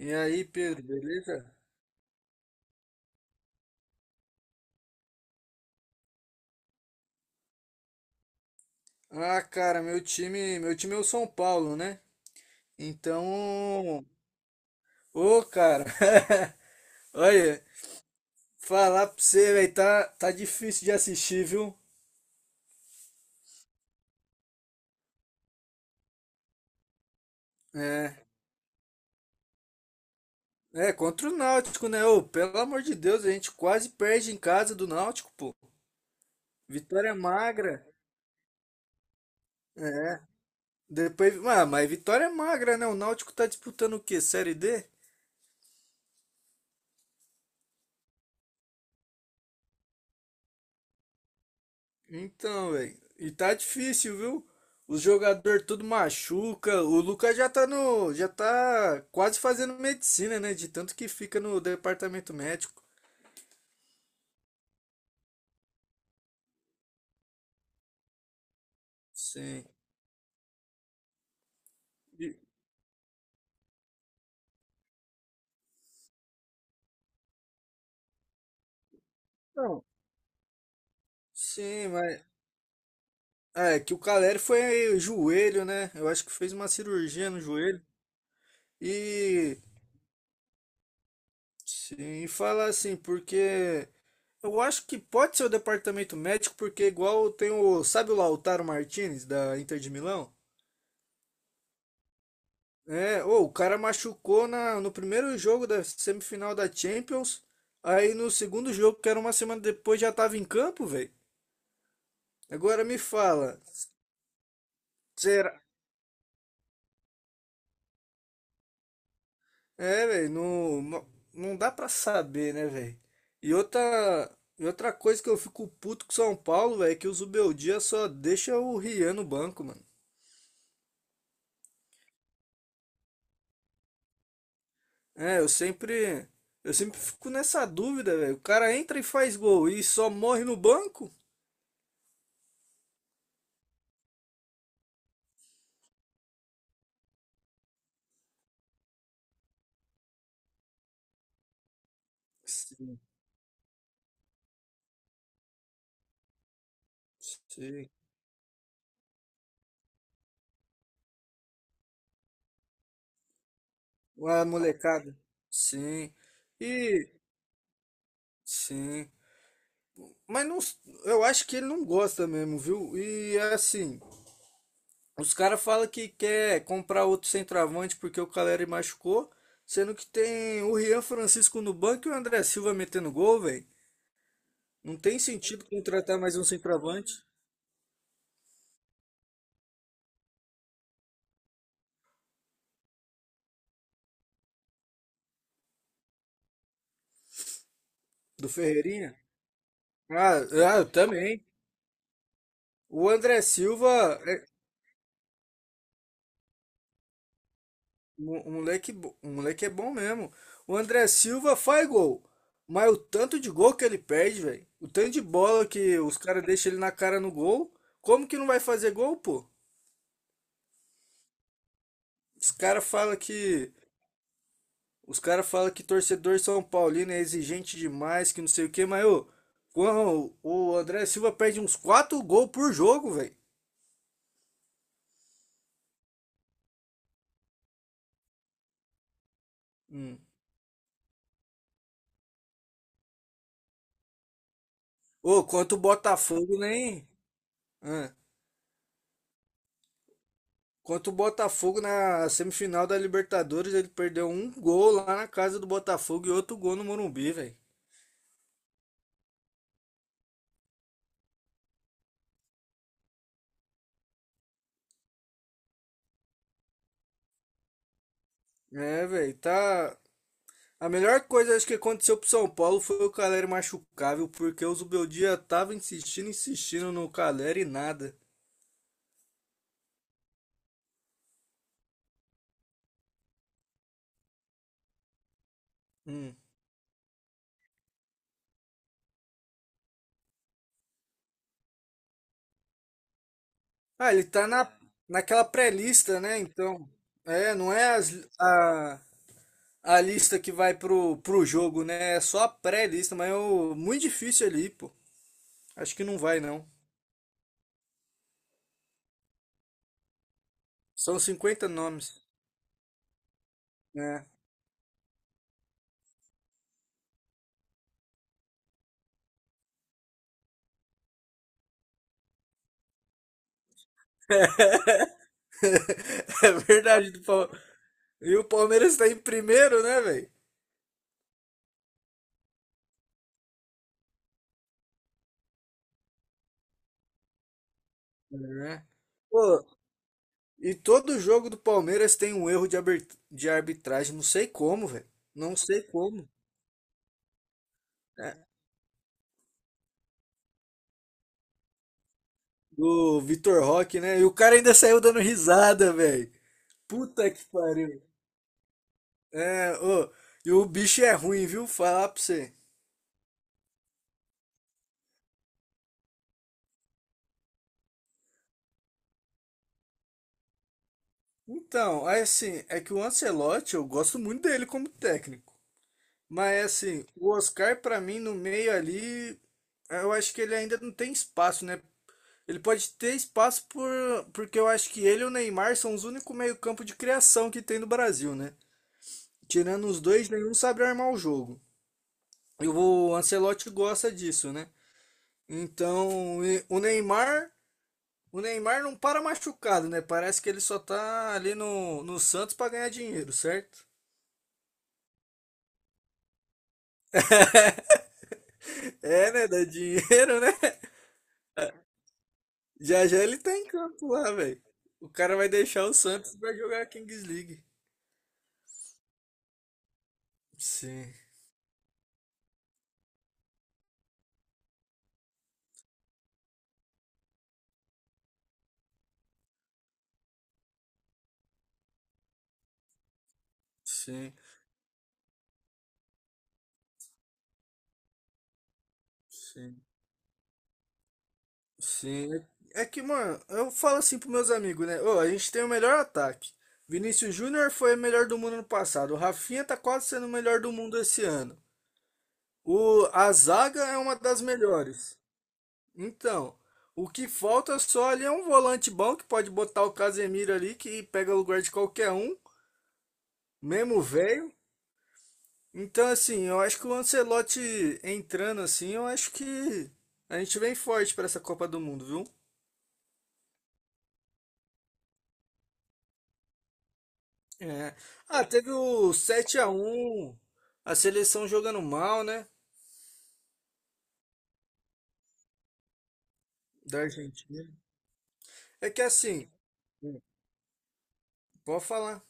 E aí, Pedro, beleza? Ah, cara, meu time é o São Paulo, né? Então, ô, cara, olha, falar pra você, velho, tá difícil de assistir, viu? É, Contra o Náutico, né? Ô, pelo amor de Deus, a gente quase perde em casa do Náutico, pô. Vitória magra, é. Depois, mas vitória magra, né? O Náutico tá disputando o quê? Série D? Então, velho. E tá difícil, viu? Os jogadores tudo machuca. O Lucas já tá no, já tá quase fazendo medicina, né? De tanto que fica no departamento médico. Sim. E- Não. Sim, mas é que o Caleri foi joelho, né? Eu acho que fez uma cirurgia no joelho. E sim, e fala assim, porque eu acho que pode ser o departamento médico, porque igual tem o, sabe o Lautaro Martinez da Inter de Milão? É, ô, o cara machucou no primeiro jogo da semifinal da Champions. Aí no segundo jogo, que era uma semana depois, já tava em campo, velho. Agora me fala, será? É, velho, não, não dá pra saber, né, velho? E outra, e outra coisa que eu fico puto com o São Paulo, velho, é que o Zubeldia só deixa o Rian no banco, mano. É, eu sempre fico nessa dúvida, velho. O cara entra e faz gol e só morre no banco? Sim. Sim. A molecada. Sim. E sim. Mas não, eu acho que ele não gosta mesmo, viu? E é assim, os caras falam que quer comprar outro centroavante porque o Caleri machucou, sendo que tem o Rian Francisco no banco e o André Silva metendo gol, velho. Não tem sentido contratar mais um centroavante do Ferreirinha. Eu também. O André Silva. É, O, o moleque é bom mesmo. O André Silva faz gol. Mas o tanto de gol que ele perde, velho. O tanto de bola que os caras deixam ele na cara no gol. Como que não vai fazer gol, pô? Os caras falam que. Os caras falam que torcedor São Paulino é exigente demais, que não sei o quê, mas ô, quando o André Silva perde uns 4 gols por jogo, velho. Hum. Ô, quanto o Botafogo nem. Contra o Botafogo na semifinal da Libertadores, ele perdeu um gol lá na casa do Botafogo e outro gol no Morumbi, velho. É, velho, tá. A melhor coisa acho que aconteceu pro São Paulo foi o Caleri machucável, porque o Zubeldia tava insistindo, insistindo no Caleri e nada. Hum. Ah, ele tá na, naquela pré-lista, né? Então, é, não é as- a, a lista que vai pro, pro jogo, né? É só a pré-lista, mas é o- muito difícil ali, pô. Acho que não vai, não. São 50 nomes, né? É verdade. Do Pal- E o Palmeiras tá em primeiro, né, velho? É. Pô, e todo jogo do Palmeiras tem um erro de, aber- de arbitragem. Não sei como, velho. Não sei como. É, do Vitor Roque, né? E o cara ainda saiu dando risada, velho. Puta que pariu. É, ô, e o bicho é ruim, viu? Falar pra você. Então, aí, assim, é que o Ancelotti, eu gosto muito dele como técnico. Mas assim, o Oscar pra mim no meio ali, eu acho que ele ainda não tem espaço, né? Ele pode ter espaço por, porque eu acho que ele e o Neymar são os únicos meio-campo de criação que tem no Brasil, né? Tirando os dois, nenhum sabe armar o jogo. E o Ancelotti gosta disso, né? Então, e- o Neymar não para machucado, né? Parece que ele só tá ali no Santos pra ganhar dinheiro, certo? É, né? Dá dinheiro, né? Já já ele tá em campo lá, velho. O cara vai deixar o Santos e vai jogar a Kings League. Sim, sim, sim, sim. É que, mano, eu falo assim pros meus amigos, né? Ô, a gente tem o melhor ataque. Vinícius Júnior foi o melhor do mundo no passado. O Rafinha tá quase sendo o melhor do mundo esse ano. O, a zaga é uma das melhores. Então, o que falta só ali é um volante bom que pode botar o Casemiro ali, que pega o lugar de qualquer um, mesmo velho. Então, assim, eu acho que o Ancelotti entrando assim, eu acho que a gente vem forte para essa Copa do Mundo, viu? É. Ah, teve o 7 a 1 a seleção jogando mal, né? Da Argentina. É que assim, pode falar.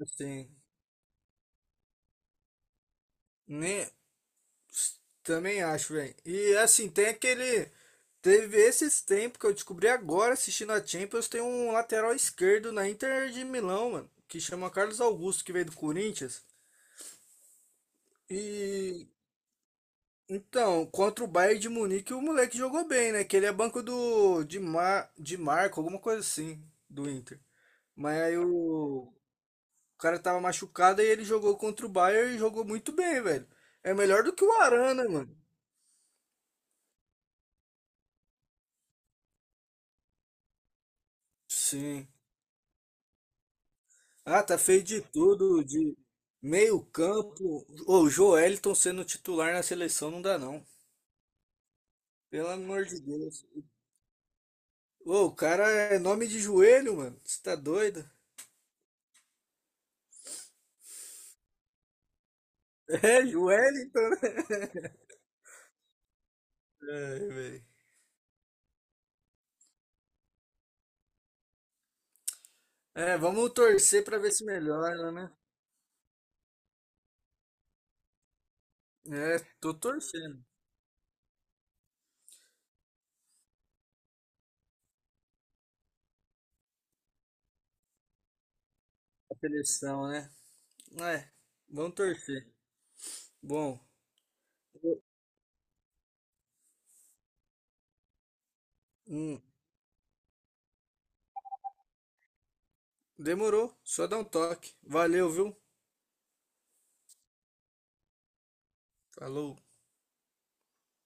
Assim, nem, também acho, velho. E assim, tem aquele. Teve esses tempos que eu descobri agora assistindo a Champions, tem um lateral esquerdo na Inter de Milão, mano, que chama Carlos Augusto, que veio do Corinthians. E então, contra o Bayern de Munique, o moleque jogou bem, né? Que ele é banco de Marco, alguma coisa assim, do Inter. Mas aí o cara tava machucado e ele jogou contra o Bayern e jogou muito bem, velho. É melhor do que o Arana, né, mano. Sim. Ah, tá feio de tudo, de meio campo. Ô, o Joelinton sendo titular na seleção não dá não. Pelo amor de Deus. Ô, o cara é nome de joelho, mano. Você tá doido? É, Joelinton, né? Ai, velho. É, vamos torcer para ver se melhora, né? É, tô torcendo a seleção, né? É, vamos torcer. Bom, hum, demorou, só dá um toque. Valeu, viu? Falou.